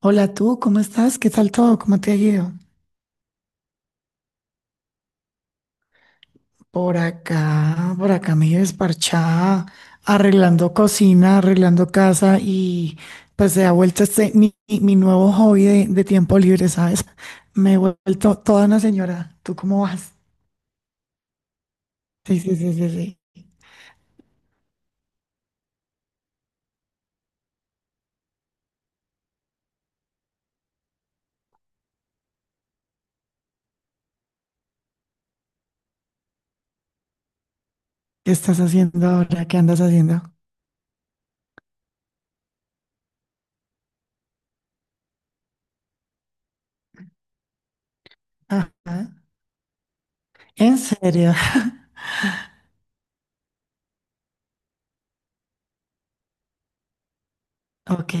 Hola tú, ¿cómo estás? ¿Qué tal todo? ¿Cómo te ha ido? Por acá medio desparchada, arreglando cocina, arreglando casa y pues se ha vuelto este mi nuevo hobby de tiempo libre, ¿sabes? Me he vuelto toda una señora. ¿Tú cómo vas? Sí, sí, sí, sí, sí. ¿Qué estás haciendo ahora? ¿Qué andas haciendo? Ajá. ¿En serio? Ok.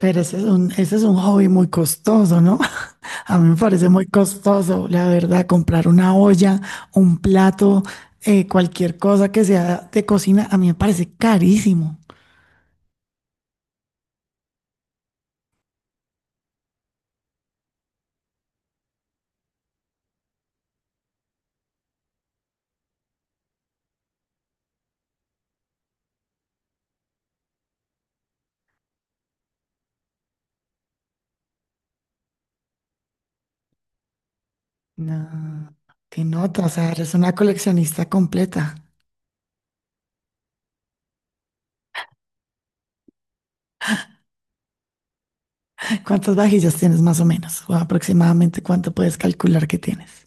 Pero ese es un hobby muy costoso, ¿no? A mí me parece muy costoso, la verdad, comprar una olla, un plato, cualquier cosa que sea de cocina, a mí me parece carísimo. No, qué nota, o sea, eres una coleccionista completa. ¿Cuántas vajillas tienes más o menos? O aproximadamente cuánto puedes calcular que tienes.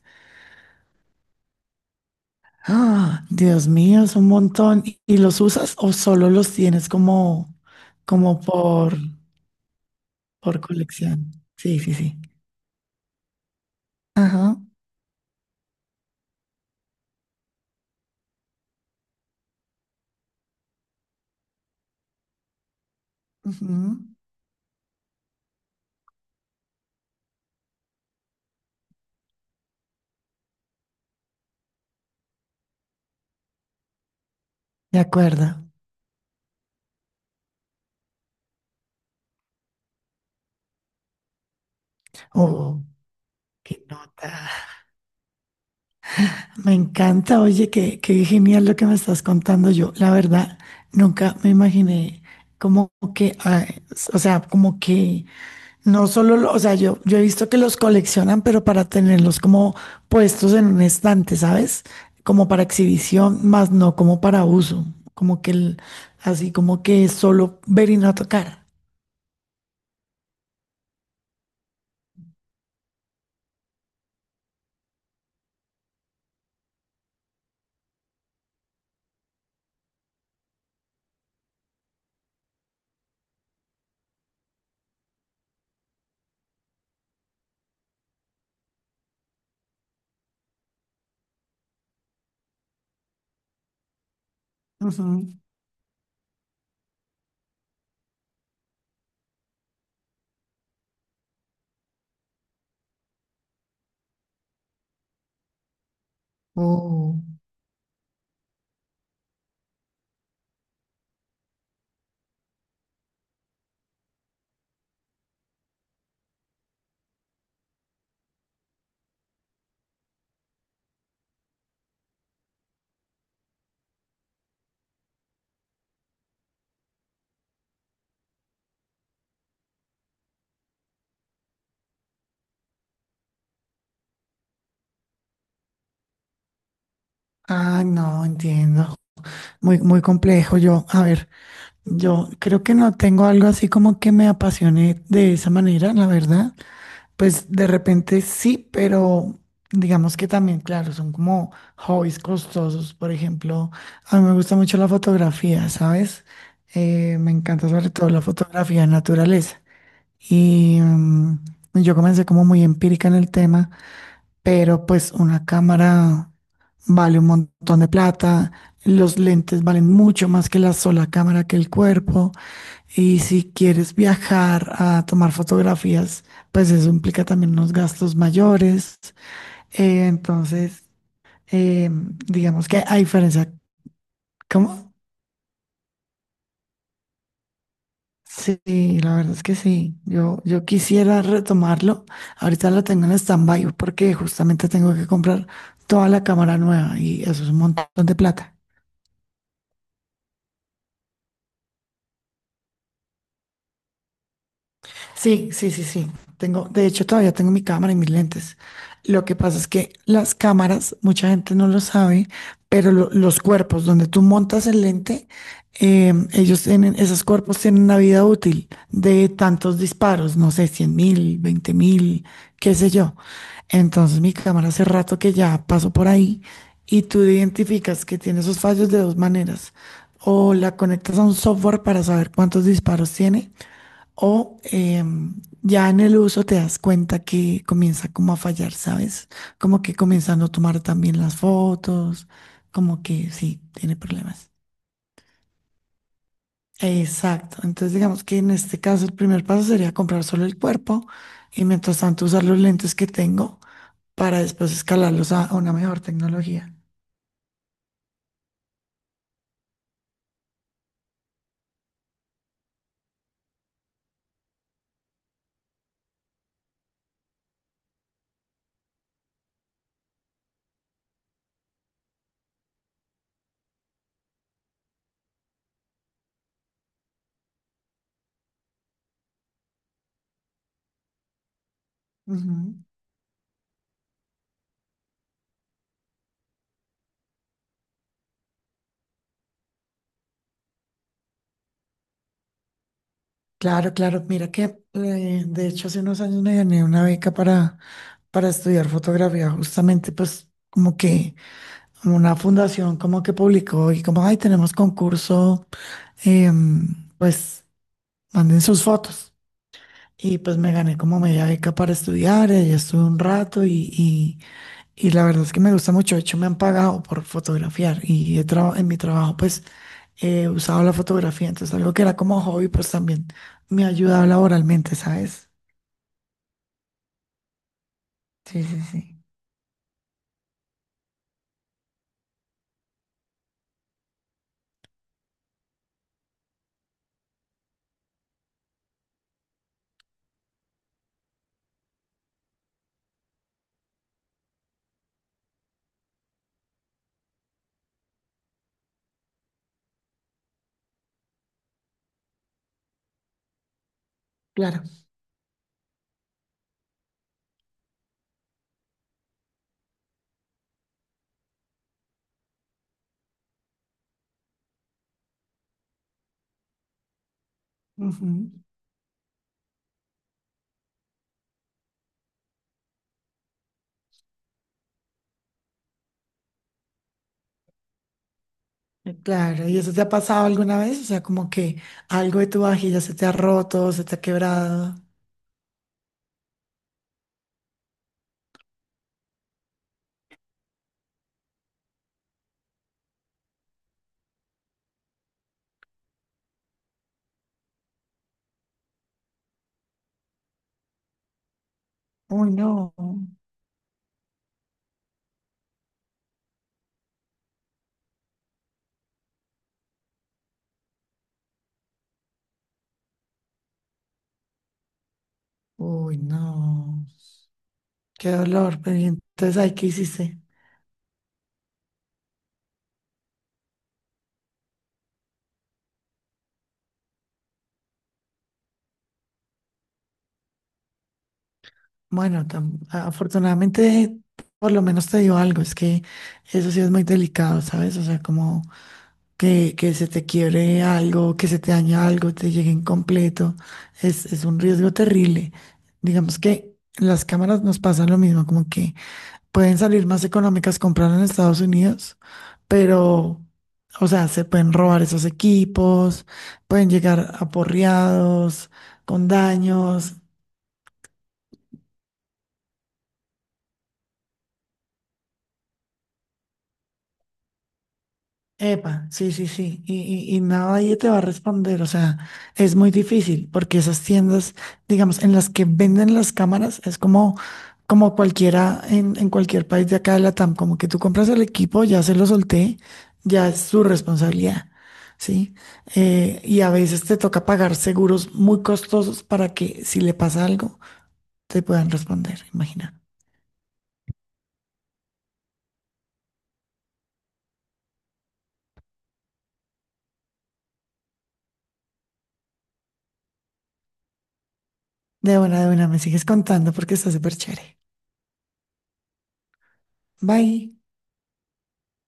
Ah, Dios mío, es un montón. ¿Y los usas o solo los tienes como, como por colección? Sí, sí, sí. Ajá, ujú, de acuerdo. Oh, qué nota. Me encanta, oye, qué, qué genial lo que me estás contando. Yo, la verdad, nunca me imaginé como que, ah, o sea, como que no solo, lo- o sea, yo he visto que los coleccionan, pero para tenerlos como puestos en un estante, ¿sabes? Como para exhibición, más no como para uso, como que el- así como que solo ver y no tocar. Ujú. Oh. Ah, no, entiendo. Muy, muy complejo. Yo, a ver, yo creo que no tengo algo así como que me apasione de esa manera, la verdad. Pues de repente sí, pero digamos que también, claro, son como hobbies costosos. Por ejemplo, a mí me gusta mucho la fotografía, ¿sabes? Me encanta sobre todo la fotografía de naturaleza. Y yo comencé como muy empírica en el tema pero pues una cámara vale un montón de plata, los lentes valen mucho más que la sola cámara que el cuerpo, y si quieres viajar a tomar fotografías, pues eso implica también unos gastos mayores. Eh, entonces, eh, digamos que a diferencia, ¿cómo? Sí, la verdad es que sí. Yo quisiera retomarlo. Ahorita lo tengo en stand-by porque justamente tengo que comprar toda la cámara nueva y eso es un montón de plata. Sí, sí, sí, sí. Tengo, de hecho, todavía tengo mi cámara y mis lentes. Lo que pasa es que las cámaras, mucha gente no lo sabe, pero lo- los cuerpos donde tú montas el lente, ellos tienen, esos cuerpos tienen una vida útil de tantos disparos, no sé, 100.000, 20.000, qué sé yo. Entonces, mi cámara hace rato que ya paso por ahí y tú identificas que tiene esos fallos de dos maneras. O la conectas a un software para saber cuántos disparos tiene o ya en el uso te das cuenta que comienza como a fallar, ¿sabes? Como que comenzando a no tomar también las fotos, como que sí, tiene problemas. Exacto. Entonces digamos que en este caso el primer paso sería comprar solo el cuerpo y mientras tanto usar los lentes que tengo para después escalarlos a una mejor tecnología. Ujú. Claro, claro. Mira que de hecho hace unos años me gané una beca para estudiar fotografía, justamente pues como que una fundación como que publicó y como, ay, tenemos concurso, em, pues manden sus fotos. Y pues me gané como media beca para estudiar, allá estuve un rato y la verdad es que me gusta mucho, de hecho me han pagado por fotografiar y he traba- en mi trabajo pues he usado la fotografía, entonces algo que era como hobby pues también me ha ayudado laboralmente, ¿sabes? Sí, sí, sí, claro. Ujú. Claro, ¿y eso te ha pasado alguna vez? O sea, como que algo de tu vajilla se te ha roto, se te ha quebrado. Uy, no. Uy, no. Qué dolor. Pero ¿y entonces, ahí, ¿qué hiciste? Bueno, tam- a- afortunadamente, por lo menos te dio algo. Es que eso sí es muy delicado, ¿sabes? O sea, como que se te quiebre algo, que se te dañe algo, te llegue incompleto. Es un riesgo terrible. Digamos que las cámaras nos pasan lo mismo, como que pueden salir más económicas comprar en Estados Unidos, pero, o sea, se pueden robar esos equipos, pueden llegar aporreados, con daños. Epa, sí, sí, sí, y nadie te va a responder, o sea, es muy difícil porque esas tiendas, digamos, en las que venden las cámaras, es como, como cualquiera en cualquier país de acá de Latam, como que tú compras el equipo, ya se lo solté, ya es su responsabilidad, ¿sí? Y a veces te toca pagar seguros muy costosos para que si le pasa algo, te puedan responder, imagina. De buena, me sigues contando porque está súper chévere. Bye.